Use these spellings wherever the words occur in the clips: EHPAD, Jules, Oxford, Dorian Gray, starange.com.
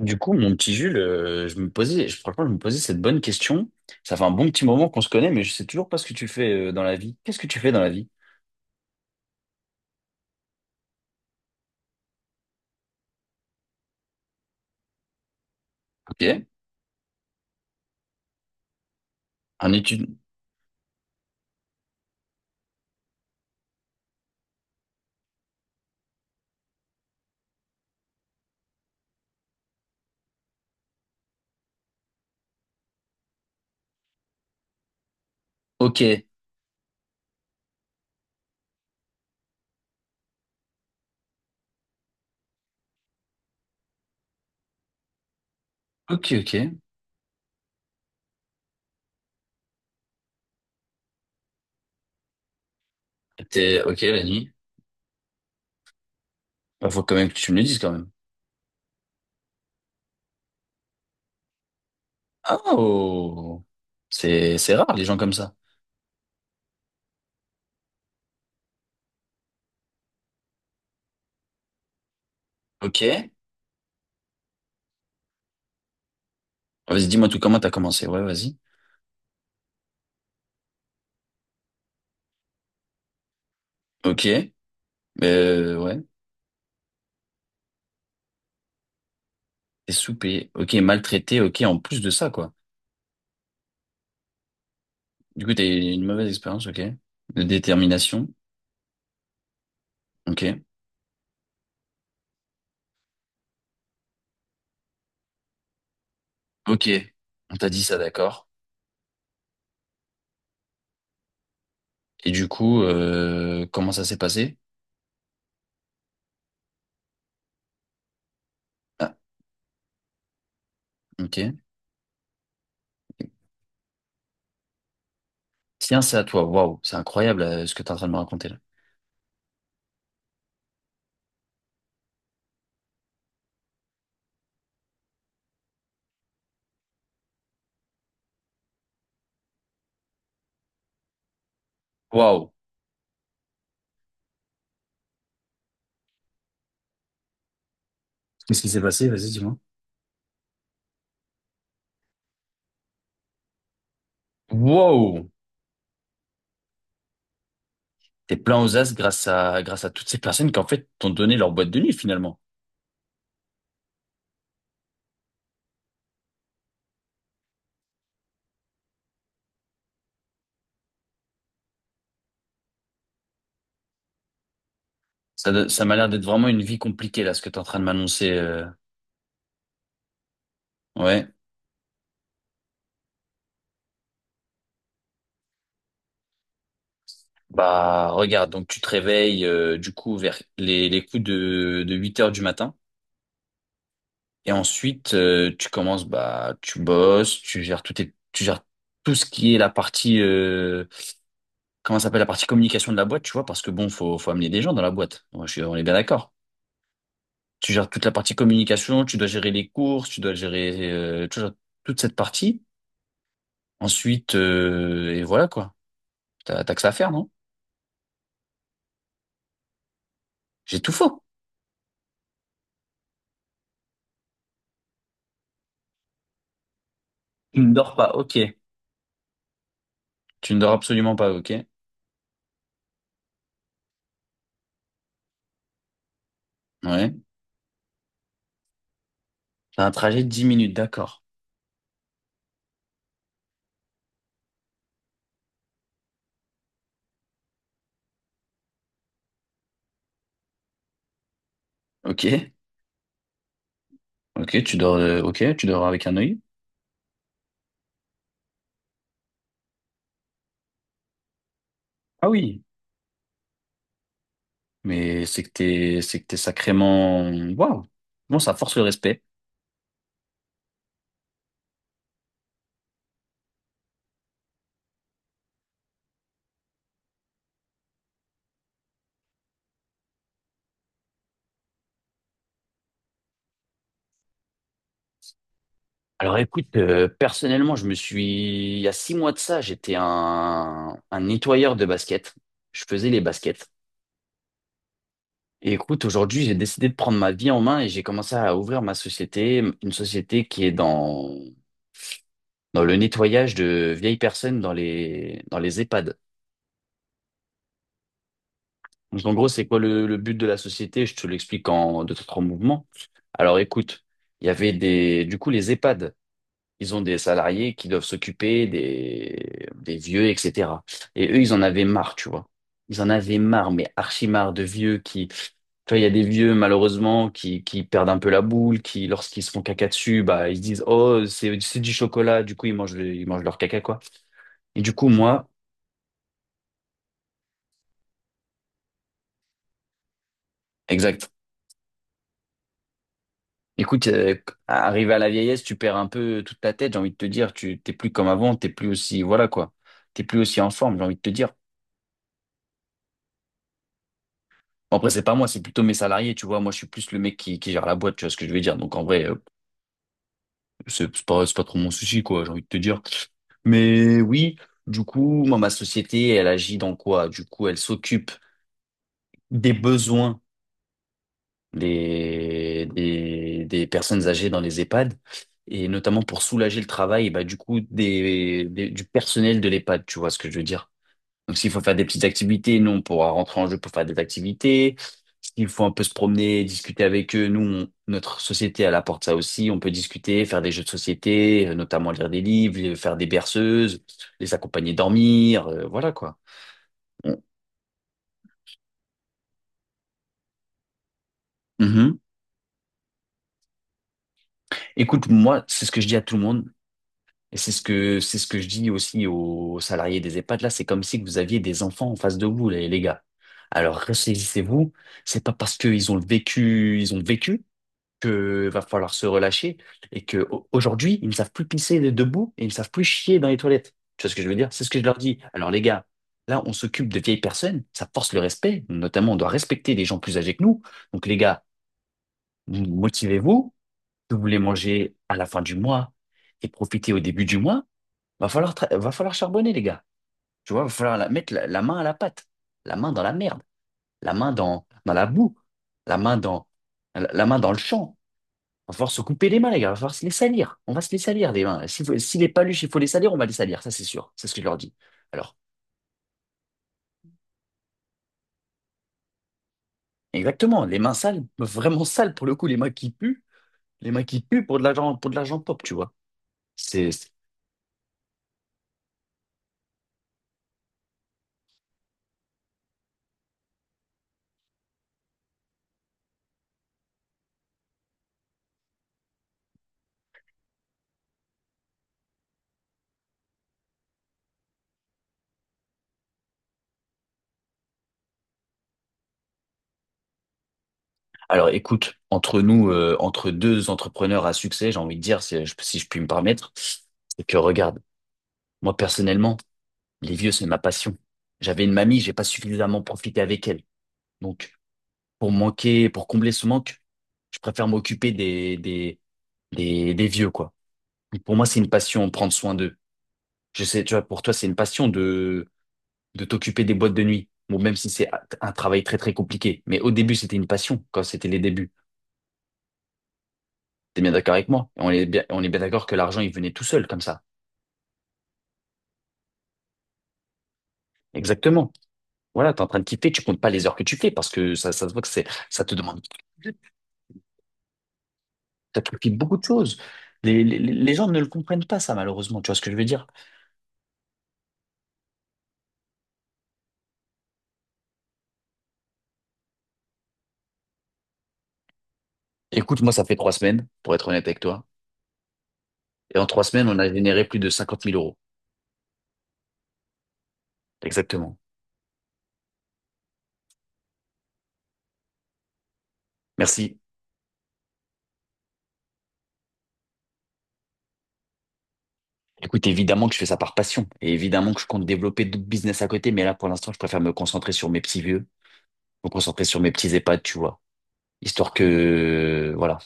Du coup, mon petit Jules, je me posais, franchement, je me posais cette bonne question. Ça fait un bon petit moment qu'on se connaît, mais je sais toujours pas ce que tu fais dans la vie. Qu'est-ce que tu fais dans la vie? Ok, un étude. Ok, ok, ok. T'es ok la nuit. Bah, faut quand même que tu me le dises quand même. Oh, c'est rare les gens comme ça. Ok. Vas-y, dis-moi tout comment t'as commencé. Ouais, vas-y. Ok. Ouais. T'es soupé. Ok, maltraité. Ok, en plus de ça quoi. Du coup, t'as eu une mauvaise expérience. Ok. De détermination. Ok. Ok, on t'a dit ça, d'accord. Et du coup, comment ça s'est passé? Ah, ok. Tiens, c'est à toi. Waouh, c'est incroyable ce que t'es en train de me raconter là. Waouh. Qu'est-ce qui s'est passé? Vas-y, dis-moi. Waouh. T'es plein aux as grâce à toutes ces personnes qui en fait t'ont donné leur boîte de nuit finalement. Ça m'a l'air d'être vraiment une vie compliquée là, ce que t'es en train de m'annoncer. Ouais. Bah regarde, donc tu te réveilles du coup vers les coups de 8 heures du matin. Et ensuite, tu commences, bah, tu bosses, tu gères tout ce qui est la partie, comment ça s'appelle, la partie communication de la boîte, tu vois, parce que bon, faut amener des gens dans la boîte. Ouais, on est bien d'accord. Tu gères toute la partie communication, tu dois gérer les courses, tu gères toute cette partie. Ensuite, et voilà quoi. T'as que ça à faire, non? J'ai tout faux. Tu ne dors pas, ok. Tu ne dors absolument pas, ok. Ouais. T'as un trajet de 10 minutes, d'accord. Ok. Ok, tu dors avec un œil. Ah oui. Mais c'est que t'es sacrément, waouh. Bon, ça force le respect. Alors écoute, personnellement, il y a 6 mois de ça, j'étais un nettoyeur de baskets. Je faisais les baskets. Et écoute, aujourd'hui, j'ai décidé de prendre ma vie en main et j'ai commencé à ouvrir ma société, une société qui est dans le nettoyage de vieilles personnes dans dans les EHPAD. Donc en gros, c'est quoi le but de la société? Je te l'explique en deux, trois mouvements. Alors écoute, il y avait du coup, les EHPAD. Ils ont des salariés qui doivent s'occuper des vieux, etc. Et eux, ils en avaient marre, tu vois. Ils en avaient marre, mais archi marre de vieux qui, tu vois, il y a des vieux, malheureusement, qui perdent un peu la boule, qui, lorsqu'ils se font caca dessus, bah, ils se disent, oh, c'est du chocolat. Du coup, ils mangent, ils mangent leur caca, quoi. Et du coup, moi, exact. Écoute, arrivé à la vieillesse, tu perds un peu toute ta tête, j'ai envie de te dire. T'es plus comme avant, t'es plus aussi, voilà, quoi. T'es plus aussi en forme, j'ai envie de te dire. Bon, après, c'est pas moi, c'est plutôt mes salariés, tu vois. Moi, je suis plus le mec qui gère la boîte, tu vois ce que je veux dire. Donc, en vrai, c'est pas trop mon souci, quoi, j'ai envie de te dire. Mais oui, du coup, moi, ma société, elle agit dans quoi? Du coup, elle s'occupe des besoins des personnes âgées dans les EHPAD et notamment pour soulager le travail, bah, du coup, du personnel de l'EHPAD, tu vois ce que je veux dire. Donc, s'il faut faire des petites activités, nous, on pourra rentrer en jeu pour faire des activités. S'il faut un peu se promener, discuter avec eux, nous, notre société, elle apporte ça aussi. On peut discuter, faire des jeux de société, notamment lire des livres, faire des berceuses, les accompagner dormir, voilà quoi. On- Mhm. Écoute, moi, c'est ce que je dis à tout le monde. Et c'est ce que je dis aussi aux salariés des EHPAD. Là, c'est comme si vous aviez des enfants en face de vous, les gars. Alors, ressaisissez-vous. C'est pas parce qu'ils ont le vécu, ils ont vécu que va falloir se relâcher et que aujourd'hui, ils ne savent plus pisser debout et ils ne savent plus chier dans les toilettes. Tu vois ce que je veux dire? C'est ce que je leur dis. Alors les gars, là, on s'occupe de vieilles personnes, ça force le respect. Notamment, on doit respecter les gens plus âgés que nous. Donc les gars, motivez-vous. Si vous voulez manger à la fin du mois et profiter au début du mois, va falloir charbonner les gars. Tu vois, mettre la main à la pâte, la main dans la merde, la main dans la boue, la main dans la main dans le champ. Va falloir se couper les mains, les gars. Il va falloir se les salir. On va se les salir, les mains. Si les paluches, il faut les salir, on va les salir. Ça, c'est sûr. C'est ce que je leur dis. Alors, exactement. Les mains sales, vraiment sales pour le coup, les mains qui puent. Les mains qui puent pour de l'argent pop, tu vois. C'est, c'est- Alors, écoute, entre nous, entre deux entrepreneurs à succès, j'ai envie de dire, si je puis me permettre, c'est que regarde, moi, personnellement, les vieux, c'est ma passion. J'avais une mamie, j'ai pas suffisamment profité avec elle. Donc, pour manquer, pour combler ce manque, je préfère m'occuper les vieux, quoi. Pour moi, c'est une passion, prendre soin d'eux. Je sais, tu vois, pour toi, c'est une passion de t'occuper des boîtes de nuit. Bon, même si c'est un travail très, très compliqué. Mais au début, c'était une passion, quand c'était les débuts. T'es bien d'accord avec moi? On est bien d'accord que l'argent, il venait tout seul, comme ça. Exactement. Voilà, t'es en train de kiffer, tu comptes pas les heures que tu fais, parce que ça se voit que ça te demande, t'as kiffé beaucoup de choses. Les gens ne le comprennent pas, ça, malheureusement. Tu vois ce que je veux dire? Écoute, moi, ça fait 3 semaines, pour être honnête avec toi. Et en 3 semaines, on a généré plus de cinquante mille euros. Exactement. Merci. Écoute, évidemment que je fais ça par passion et évidemment que je compte développer d'autres business à côté, mais là, pour l'instant, je préfère me concentrer sur mes petits vieux, me concentrer sur mes petits EHPAD, tu vois. Histoire que, voilà.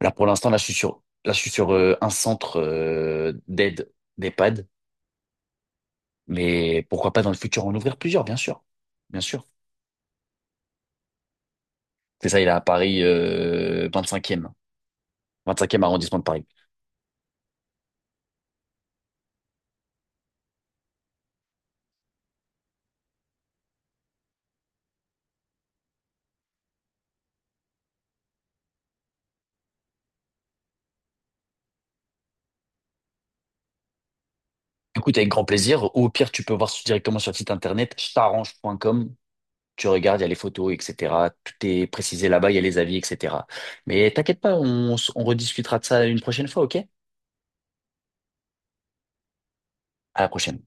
Là, pour l'instant, là, je suis sur un centre d'aide d'EHPAD, mais pourquoi pas dans le futur en ouvrir plusieurs, bien sûr. Bien sûr. C'est ça, il est à Paris 25e. 25e arrondissement de Paris. Écoute, avec grand plaisir. Ou au pire, tu peux voir directement sur le site internet starange.com. Tu regardes, il y a les photos, etc. Tout est précisé là-bas, il y a les avis, etc. Mais t'inquiète pas, on rediscutera de ça une prochaine fois, ok? À la prochaine.